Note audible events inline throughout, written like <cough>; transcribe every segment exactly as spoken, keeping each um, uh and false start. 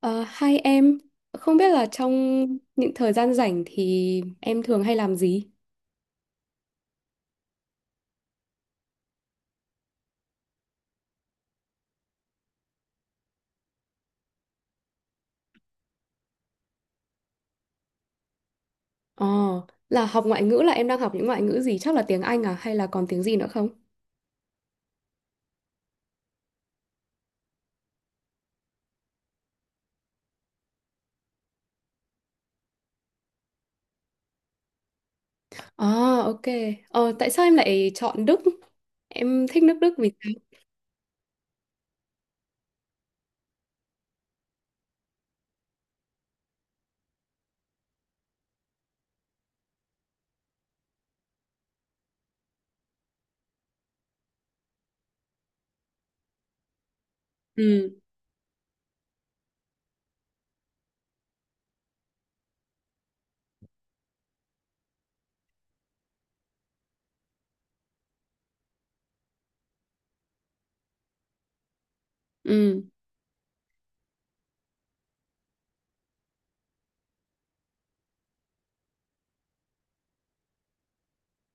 Ờ, Hai em, không biết là trong những thời gian rảnh thì em thường hay làm gì? Ờ, là học ngoại ngữ là em đang học những ngoại ngữ gì? Chắc là tiếng Anh à hay là còn tiếng gì nữa không? À, ok. Ờ, tại sao em lại chọn Đức? Em thích nước Đức vì sao? Ừ, ừ,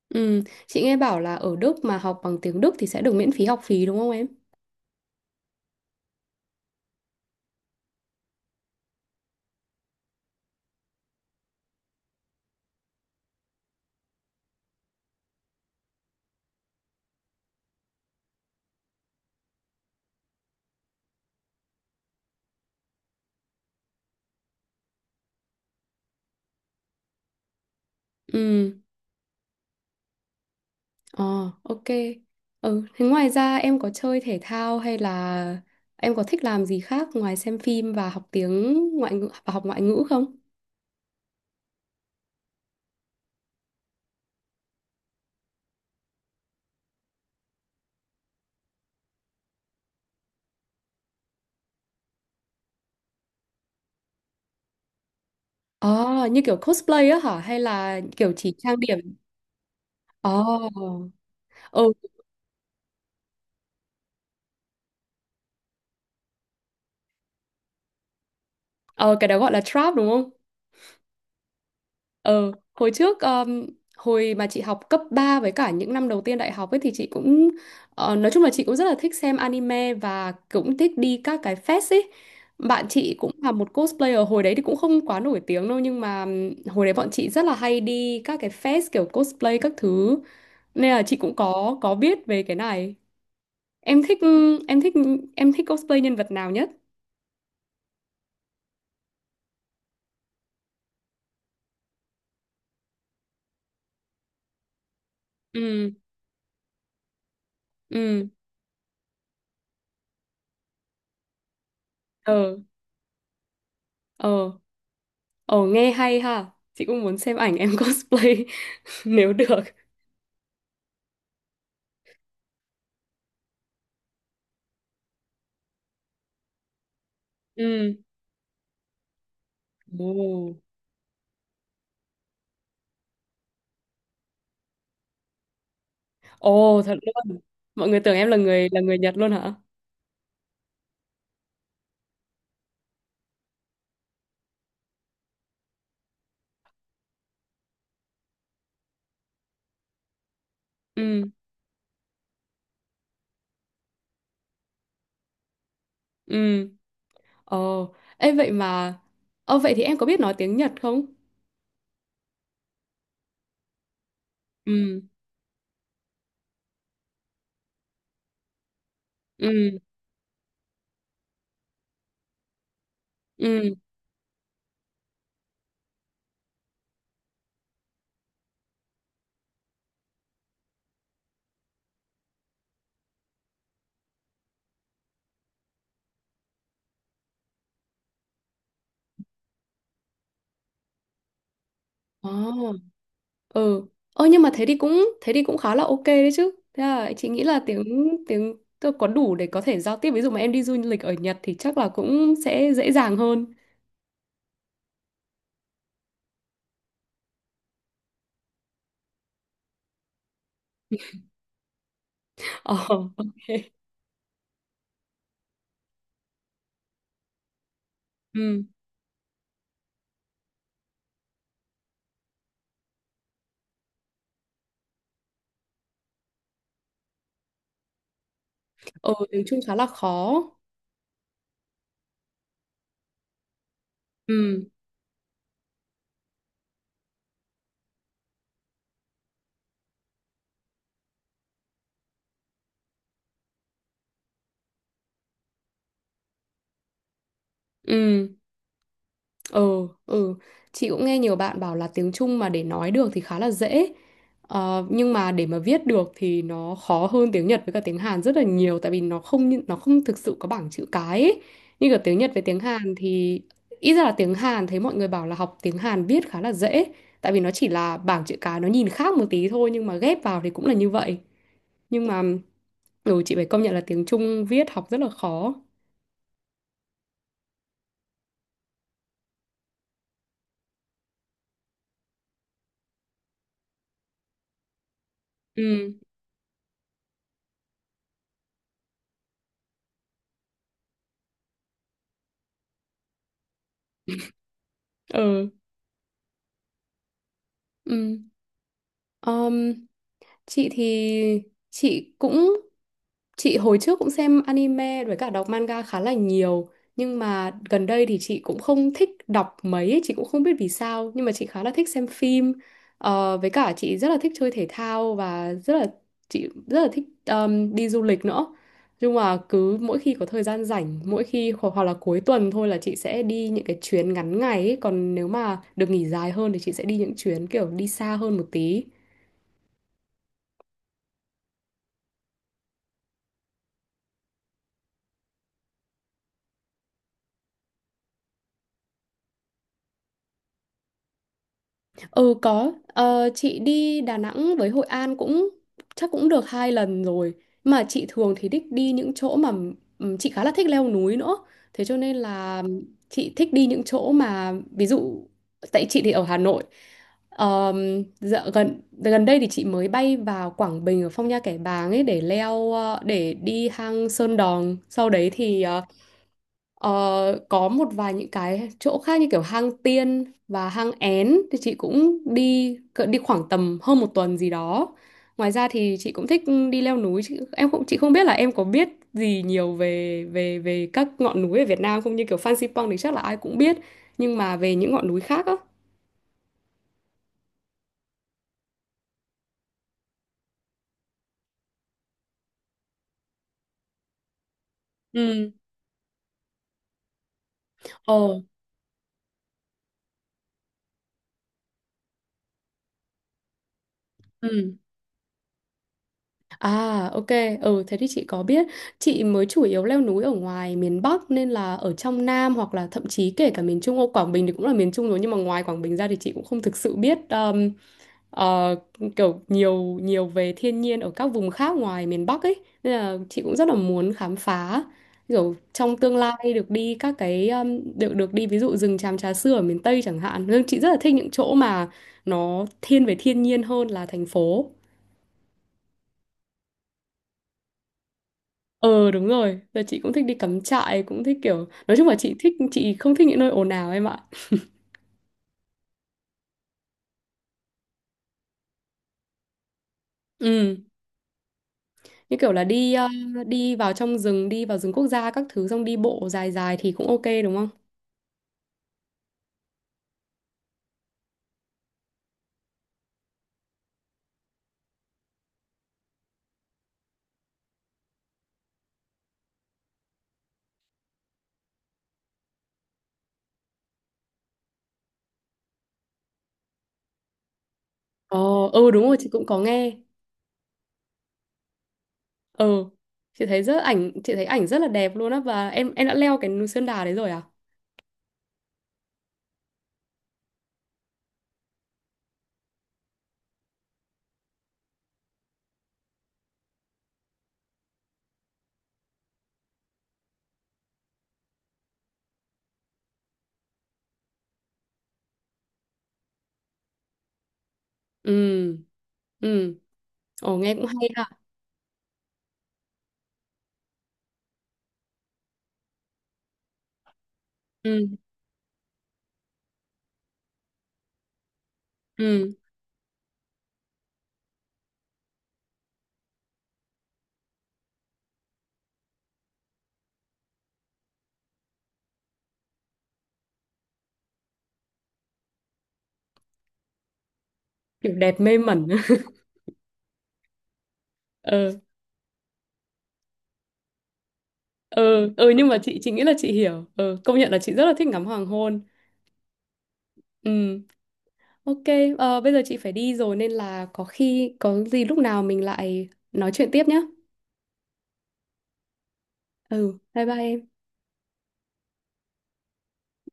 ừ. Chị nghe bảo là ở Đức mà học bằng tiếng Đức thì sẽ được miễn phí học phí đúng không em? Ừ. Ờ, ok. Ừ, thế ngoài ra em có chơi thể thao hay là em có thích làm gì khác ngoài xem phim và học tiếng ngoại ngữ và học ngoại ngữ không? Ờ, như kiểu cosplay á hả? Hay là kiểu chỉ trang điểm? Ờ, ừ, ờ, cái đó gọi là trap đúng không? Ờ, hồi trước um, hồi mà chị học cấp ba với cả những năm đầu tiên đại học ấy thì chị cũng ờ, nói chung là chị cũng rất là thích xem anime và cũng thích đi các cái fest ấy. Bạn chị cũng là một cosplayer hồi đấy thì cũng không quá nổi tiếng đâu nhưng mà ừm, hồi đấy bọn chị rất là hay đi các cái fest kiểu cosplay các thứ. Nên là chị cũng có có biết về cái này. Em thích em thích em thích cosplay nhân vật nào nhất? Ừ, ừ, ờ, ờ. Ồ nghe hay ha. Chị cũng muốn xem ảnh em cosplay <laughs> nếu được. Ừ. Ồ. Ồ thật luôn. Mọi người tưởng em là người là người Nhật luôn hả? Ừ. Ừ. Ồ. Ê vậy mà Ồ vậy thì em có biết nói tiếng Nhật không? Ừ. Ừ. Ừ. Ồ. Ừ. Ơ nhưng mà thế đi cũng thế đi cũng khá là ok đấy chứ. Thế là chị nghĩ là tiếng tiếng tôi có đủ để có thể giao tiếp ví dụ mà em đi du lịch ở Nhật thì chắc là cũng sẽ dễ dàng hơn. Ồ <laughs> ok. Ừ. Ừ, tiếng Trung khá là khó. Ừ, ừ, ừ, ừ, chị cũng nghe nhiều bạn bảo là tiếng Trung mà để nói được thì khá là dễ. Ờ, nhưng mà để mà viết được thì nó khó hơn tiếng Nhật với cả tiếng Hàn rất là nhiều tại vì nó không như- nó không thực sự có bảng chữ cái ấy. Như cả tiếng Nhật với tiếng Hàn thì ít ra là tiếng Hàn thấy mọi người bảo là học tiếng Hàn viết khá là dễ tại vì nó chỉ là bảng chữ cái, nó nhìn khác một tí thôi nhưng mà ghép vào thì cũng là như vậy, nhưng mà ừ, chị phải công nhận là tiếng Trung viết học rất là khó. Ừ, ừ, ừ. Ờm, chị thì chị cũng chị hồi trước cũng xem anime với cả đọc manga khá là nhiều nhưng mà gần đây thì chị cũng không thích đọc mấy ấy, chị cũng không biết vì sao nhưng mà chị khá là thích xem phim. Ờ, với cả chị rất là thích chơi thể thao và rất là chị rất là thích ờm, đi du lịch nữa. Nhưng mà cứ mỗi khi có thời gian rảnh mỗi khi hoặc, hoặc là cuối tuần thôi là chị sẽ đi những cái chuyến ngắn ngày ấy. Còn nếu mà được nghỉ dài hơn thì chị sẽ đi những chuyến kiểu đi xa hơn một tí. Ừ có, ờ, chị đi Đà Nẵng với Hội An cũng chắc cũng được hai lần rồi. Mà chị thường thì thích đi những chỗ mà ừm, chị khá là thích leo núi nữa. Thế cho nên là chị thích đi những chỗ mà ví dụ tại chị thì ở Hà Nội. Ờm, dạ, gần gần đây thì chị mới bay vào Quảng Bình ở Phong Nha Kẻ Bàng ấy để leo ờ, để đi hang Sơn Đòn. Sau đấy thì ờ, Ờ, có một vài những cái chỗ khác như kiểu hang Tiên và hang Én thì chị cũng đi cỡ đi khoảng tầm hơn một tuần gì đó. Ngoài ra thì chị cũng thích đi leo núi. Chị, em cũng chị không biết là em có biết gì nhiều về về về các ngọn núi ở Việt Nam không, như kiểu Phan Xipang thì chắc là ai cũng biết nhưng mà về những ngọn núi khác á. Ừ. Ồ. Ừ. À, ok. Ừ, thế thì chị có biết. Chị mới chủ yếu leo núi ở ngoài miền Bắc nên là ở trong Nam hoặc là thậm chí kể cả miền Trung. Ô, Quảng Bình thì cũng là miền Trung rồi nhưng mà ngoài Quảng Bình ra thì chị cũng không thực sự biết um, ờ, kiểu nhiều nhiều về thiên nhiên ở các vùng khác ngoài miền Bắc ấy. Nên là chị cũng rất là muốn khám phá. Kiểu trong tương lai được đi các cái um, được được đi ví dụ rừng tràm Trà Sư ở miền Tây chẳng hạn. Nhưng chị rất là thích những chỗ mà nó thiên về thiên nhiên hơn là thành phố. Ờ đúng rồi, giờ chị cũng thích đi cắm trại, cũng thích kiểu nói chung là chị thích chị không thích những nơi ồn ào em ạ. Ừ, như kiểu là đi ờ, đi vào trong rừng, đi vào rừng quốc gia các thứ xong đi bộ dài dài thì cũng ok đúng không? Ờ, ừ đúng rồi, chị cũng có nghe. Ờ chị thấy rất ảnh chị thấy ảnh rất là đẹp luôn á, và em em đã leo cái núi Sơn Đà đấy rồi à? Ừ. Ừ. Ồ nghe cũng hay ha. Ừ. Ừ, kiểu đẹp mê mẩn. <laughs> Ờ, ờ, ờ, nhưng mà chị chị nghĩ là chị hiểu. Ờ công nhận là chị rất là thích ngắm hoàng hôn. Ừ. Ok, ờ, bây giờ chị phải đi rồi nên là có khi có gì lúc nào mình lại nói chuyện tiếp nhé. Ừ, bye bye em.